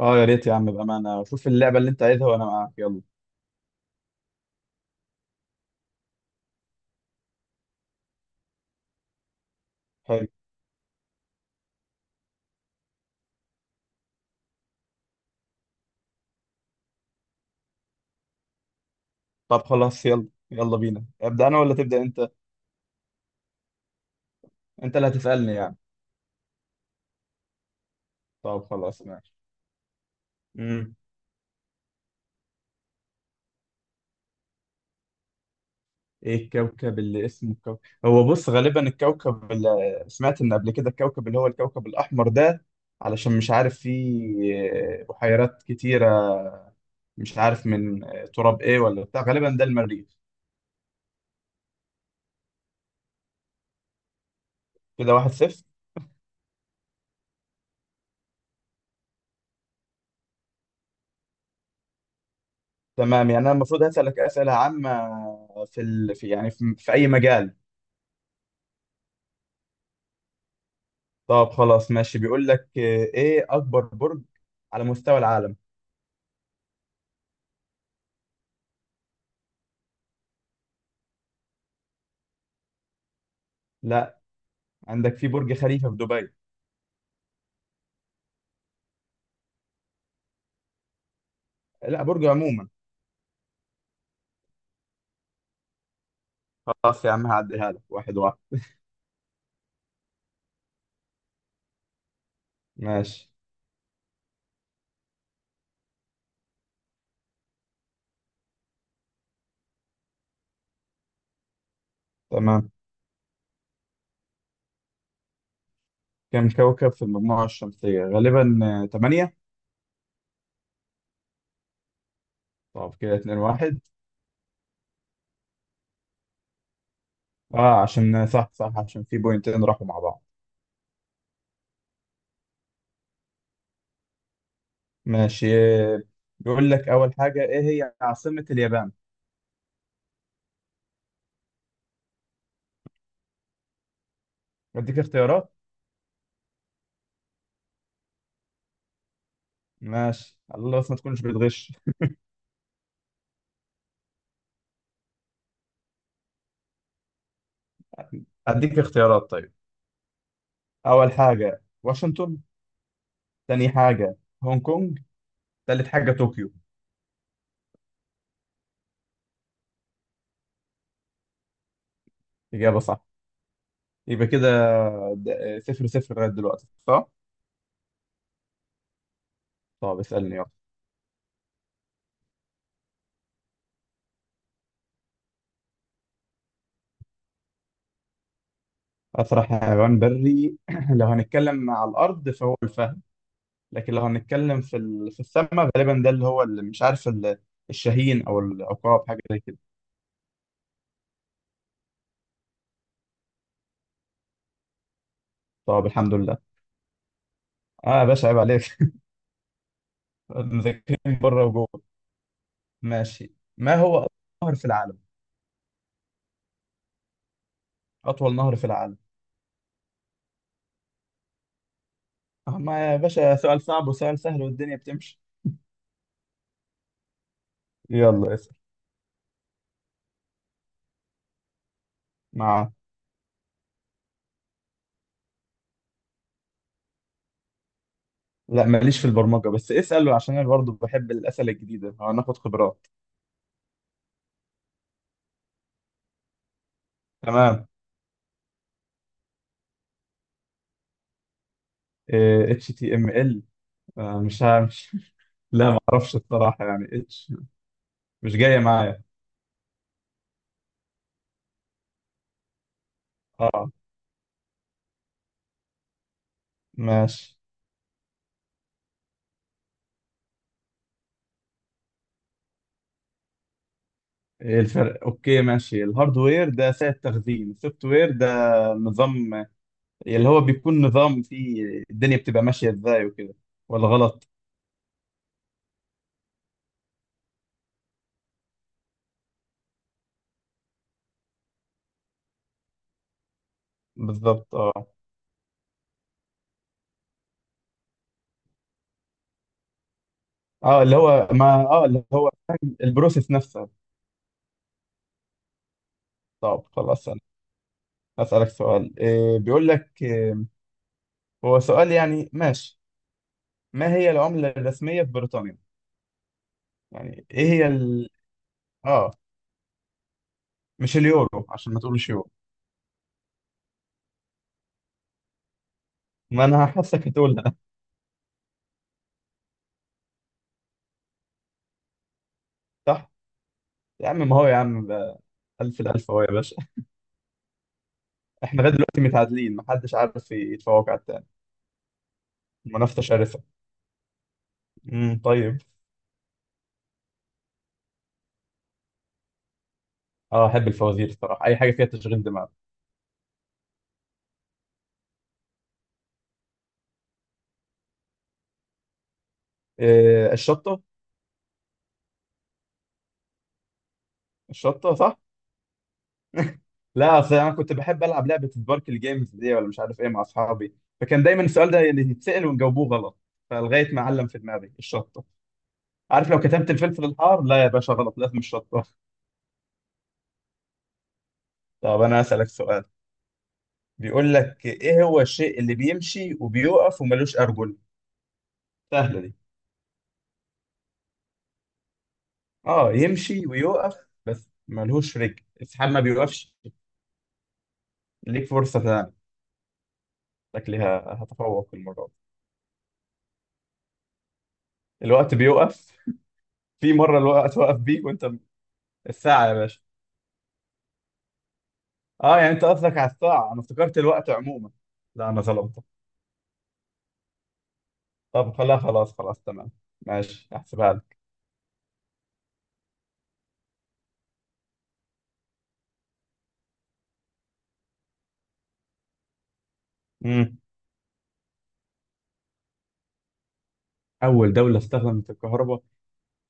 اه، يا ريت يا عم، بأمانة. شوف اللعبة اللي انت عايزها وانا معاك. يلا. حلو. طب خلاص، يلا يلا بينا. ابدأ انا ولا تبدأ انت؟ انت اللي هتسألني يعني؟ طب خلاص، ماشي. امم ايه الكوكب اللي اسمه كوكب؟ هو بص، غالبا الكوكب اللي، سمعت ان قبل كده، الكوكب اللي هو الكوكب الأحمر ده، علشان مش عارف فيه بحيرات كتيرة، مش عارف من تراب ايه ولا بتاع، غالبا ده المريخ. كده واحد صفر. تمام، يعني انا المفروض هسألك أسئلة عامة في ال... في يعني في... في اي مجال. طب خلاص ماشي. بيقول لك ايه اكبر برج على مستوى العالم؟ لا، عندك في برج خليفة في دبي. لا، برج عموما. خلاص يا عم، هعديها لك واحد واحد. ماشي. تمام، كم كوكب في المجموعة الشمسية؟ غالبا تمانية. طب كده اتنين واحد. اه، عشان صح صح، عشان في بوينتين راحوا مع بعض. ماشي. آه، بيقول لك اول حاجة، ايه هي عاصمة اليابان؟ اديك اختيارات. ماشي، الله، بس ما تكونش بتغش. اديك اختيارات طيب. اول حاجة واشنطن، تاني حاجة هونج كونج، تالت حاجة طوكيو. إجابة صح. يبقى كده صفر صفر لغاية دلوقتي، صح؟ طب اسألني يلا. أسرع حيوان بري لو هنتكلم على الأرض فهو الفهد، لكن لو هنتكلم في ال... في السماء، غالبا ده اللي هو اللي مش عارف ال... الشاهين أو العقاب، حاجة زي كده. طب الحمد لله. آه يا باشا، عيب عليك. مذاكرين بره وجوه. ماشي، ما هو أطول نهر في العالم؟ أطول نهر في العالم. ما يا باشا، سؤال صعب وسؤال سهل والدنيا بتمشي. يلا اسأل. مع، لا ماليش في البرمجة، بس اسأله عشان أنا برضه بحب الأسئلة الجديدة، هناخد خبرات. تمام. اتش تي ام ال، مش هامش؟ لا، ما اعرفش الصراحة، يعني اتش، مش جاية معايا. اه، ماشي. إيه الفرق؟ اوكي ماشي. الهاردوير ده سعة تخزين، السوفت وير ده نظام، اللي هو بيكون نظام فيه الدنيا بتبقى ماشية ازاي وكده. ولا غلط؟ بالظبط اه. اه اللي هو، ما، اه اللي هو فاهم البروسيس نفسها. طب خلاص، أنا هسألك سؤال. إيه بيقول لك هو سؤال يعني ماشي. ما هي العملة الرسمية في بريطانيا؟ يعني ايه هي ال... اه، مش اليورو عشان ما تقولش يورو. ما انا حاسك هتقولها. صح. يا عم ما هو يا عم بقى الف الالف اهو يا باشا. احنا لغايه دلوقتي متعادلين، محدش عارف يتفوق على التاني. المنافسه شرسه. طيب. اه، احب الفوازير الصراحه، اي حاجه فيها تشغيل دماغ. إيه؟ الشطه. الشطه صح. لا، اصل انا كنت بحب العب لعبه سباركل جيمز دي، ولا مش عارف ايه، مع اصحابي، فكان دايما السؤال ده اللي يتسال ونجاوبوه غلط، فلغايه ما علم في دماغي الشطه. عارف لو كتبت الفلفل الحار، لا يا باشا غلط، لازم مش شطة. طب انا هسألك سؤال. بيقول لك ايه هو الشيء اللي بيمشي وبيوقف وملوش ارجل؟ سهلة دي. اه يمشي ويوقف بس ملوش رجل، السحاب ما بيوقفش. ليك فرصة تانية. شكلها هتفوق المرة دي. الوقت بيوقف؟ في مرة الوقت وقف بيك وانت... الساعة يا باشا. اه، يعني انت قصدك على الساعة، انا افتكرت الوقت عموما. لا انا ظلمتك. طب خلاص خلاص خلاص، تمام، ماشي، احسبها لك. مم. اول دولة استخدمت الكهرباء؟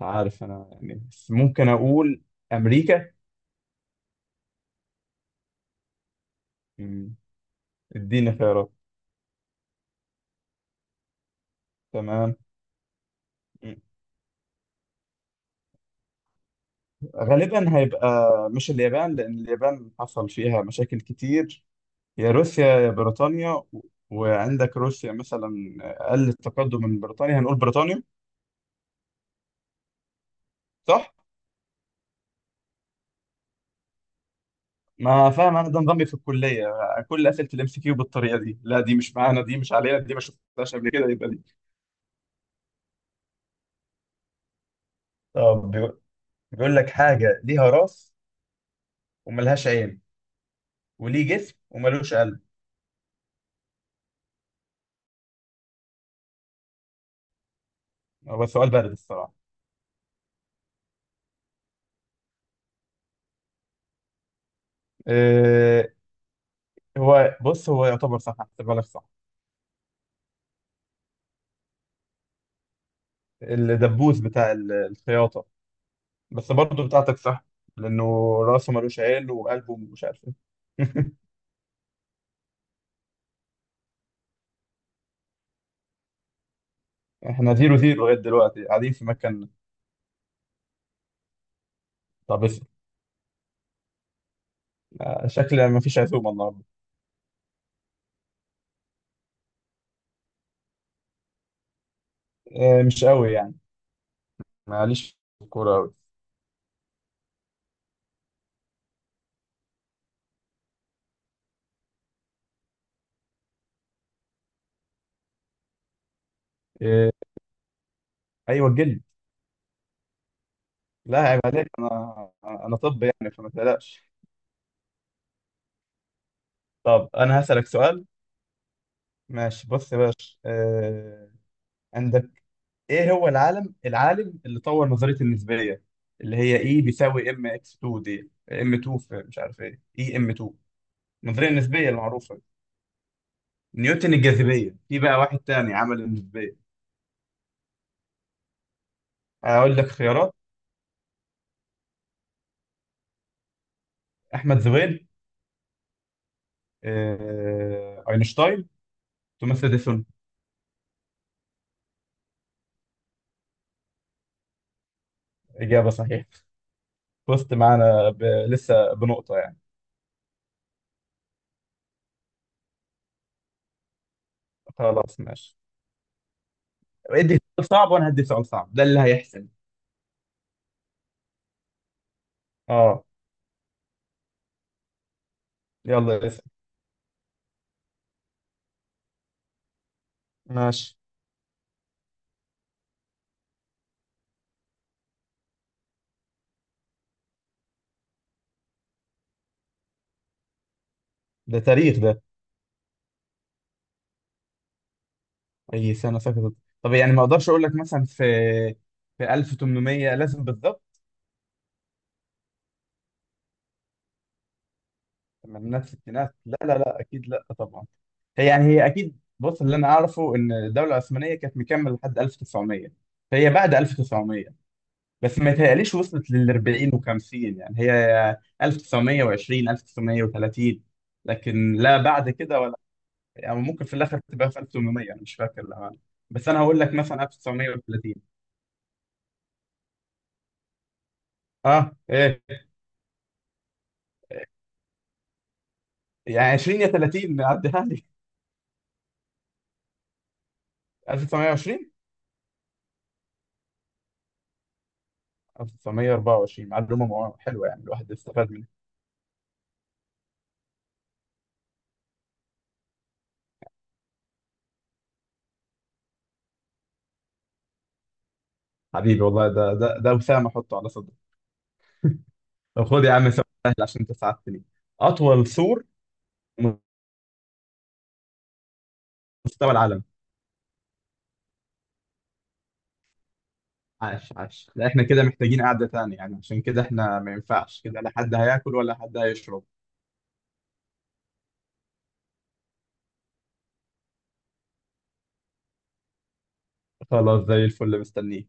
عارف، انا يعني بس ممكن اقول امريكا. مم. اديني خيارات. تمام. مم. غالبا هيبقى مش اليابان، لان اليابان حصل فيها مشاكل كتير. يا روسيا يا بريطانيا و... وعندك روسيا مثلا اقل التقدم من بريطانيا، هنقول بريطانيا. صح؟ ما فاهم، انا ده نظامي في الكليه، كل اسئله الام سي كيو بالطريقه دي. لا دي مش معانا، دي مش علينا، دي ما شفتهاش قبل كده، يبقى دي. طب بيقول لك حاجه ليها راس وملهاش عين وليه جسم وملوش قلب. هو سؤال بارد الصراحة. إيه؟ هو بص، هو يعتبر صح، هحسبها لك صح. الدبوس بتاع ال... الخياطة. بس برضه بتاعتك صح، لأنه راسه ملوش عيل وقلبه مش عارف إيه. احنا زيرو زيرو لغاية دلوقتي قاعدين في مكان. طب اسأل. شكل ما فيش عزومة النهاردة. إيه؟ مش قوي يعني. معليش، في الكورة قوي. إيه؟ أيوه، الجلد. لا عيب عليك، أنا طب، يعني فما تقلقش. طب أنا هسألك سؤال. ماشي، بص يا باشا، إيه ايه هو العالم اللي طور نظريه النسبيه، اللي هي اي بيساوي ام اكس 2 دي ام 2 في مش عارف ايه اي ام 2، النظريه النسبيه المعروفه. نيوتن؟ الجاذبيه، في بقى واحد تاني عمل النسبيه. اقول لك خيارات. احمد زويل، آه... اينشتاين، توماس اديسون. اجابه صحيحه. فزت معانا ب... لسه بنقطه يعني. خلاص ماشي. ادي سؤال صعب وانا هدي سؤال صعب، ده اللي هيحسن. اه. يلا اسال. ماشي. ده تاريخ ده. اي سنه سقطت؟ طب يعني، ما اقدرش اقول لك مثلا في، في 1800 لازم بالظبط. تمانينات ستينات، لا لا لا اكيد لا طبعا. هي يعني هي اكيد، بص اللي انا اعرفه ان الدوله العثمانيه كانت مكمله لحد 1900، فهي بعد 1900، بس ما يتهيأليش وصلت لل 40 و50، يعني هي 1920، 1930، لكن لا بعد كده ولا. يعني ممكن في الاخر تبقى في 1800، انا مش فاكر الامانه، بس انا هقول لك مثلا 1930. اه ايه؟ يعني 20 يا 30، عديها لي. 1920. 1924 معلومة حلوة، يعني الواحد استفاد منها. حبيبي والله، ده ده وسام احطه على صدره. طب خد يا عم سؤال سهل عشان انت ساعدتني. اطول سور في مستوى العالم. عاش عاش، لا احنا كده محتاجين قعدة تانية، يعني عشان كده احنا ما ينفعش كده، لا حد هياكل ولا حد هيشرب. خلاص زي الفل، مستنيك.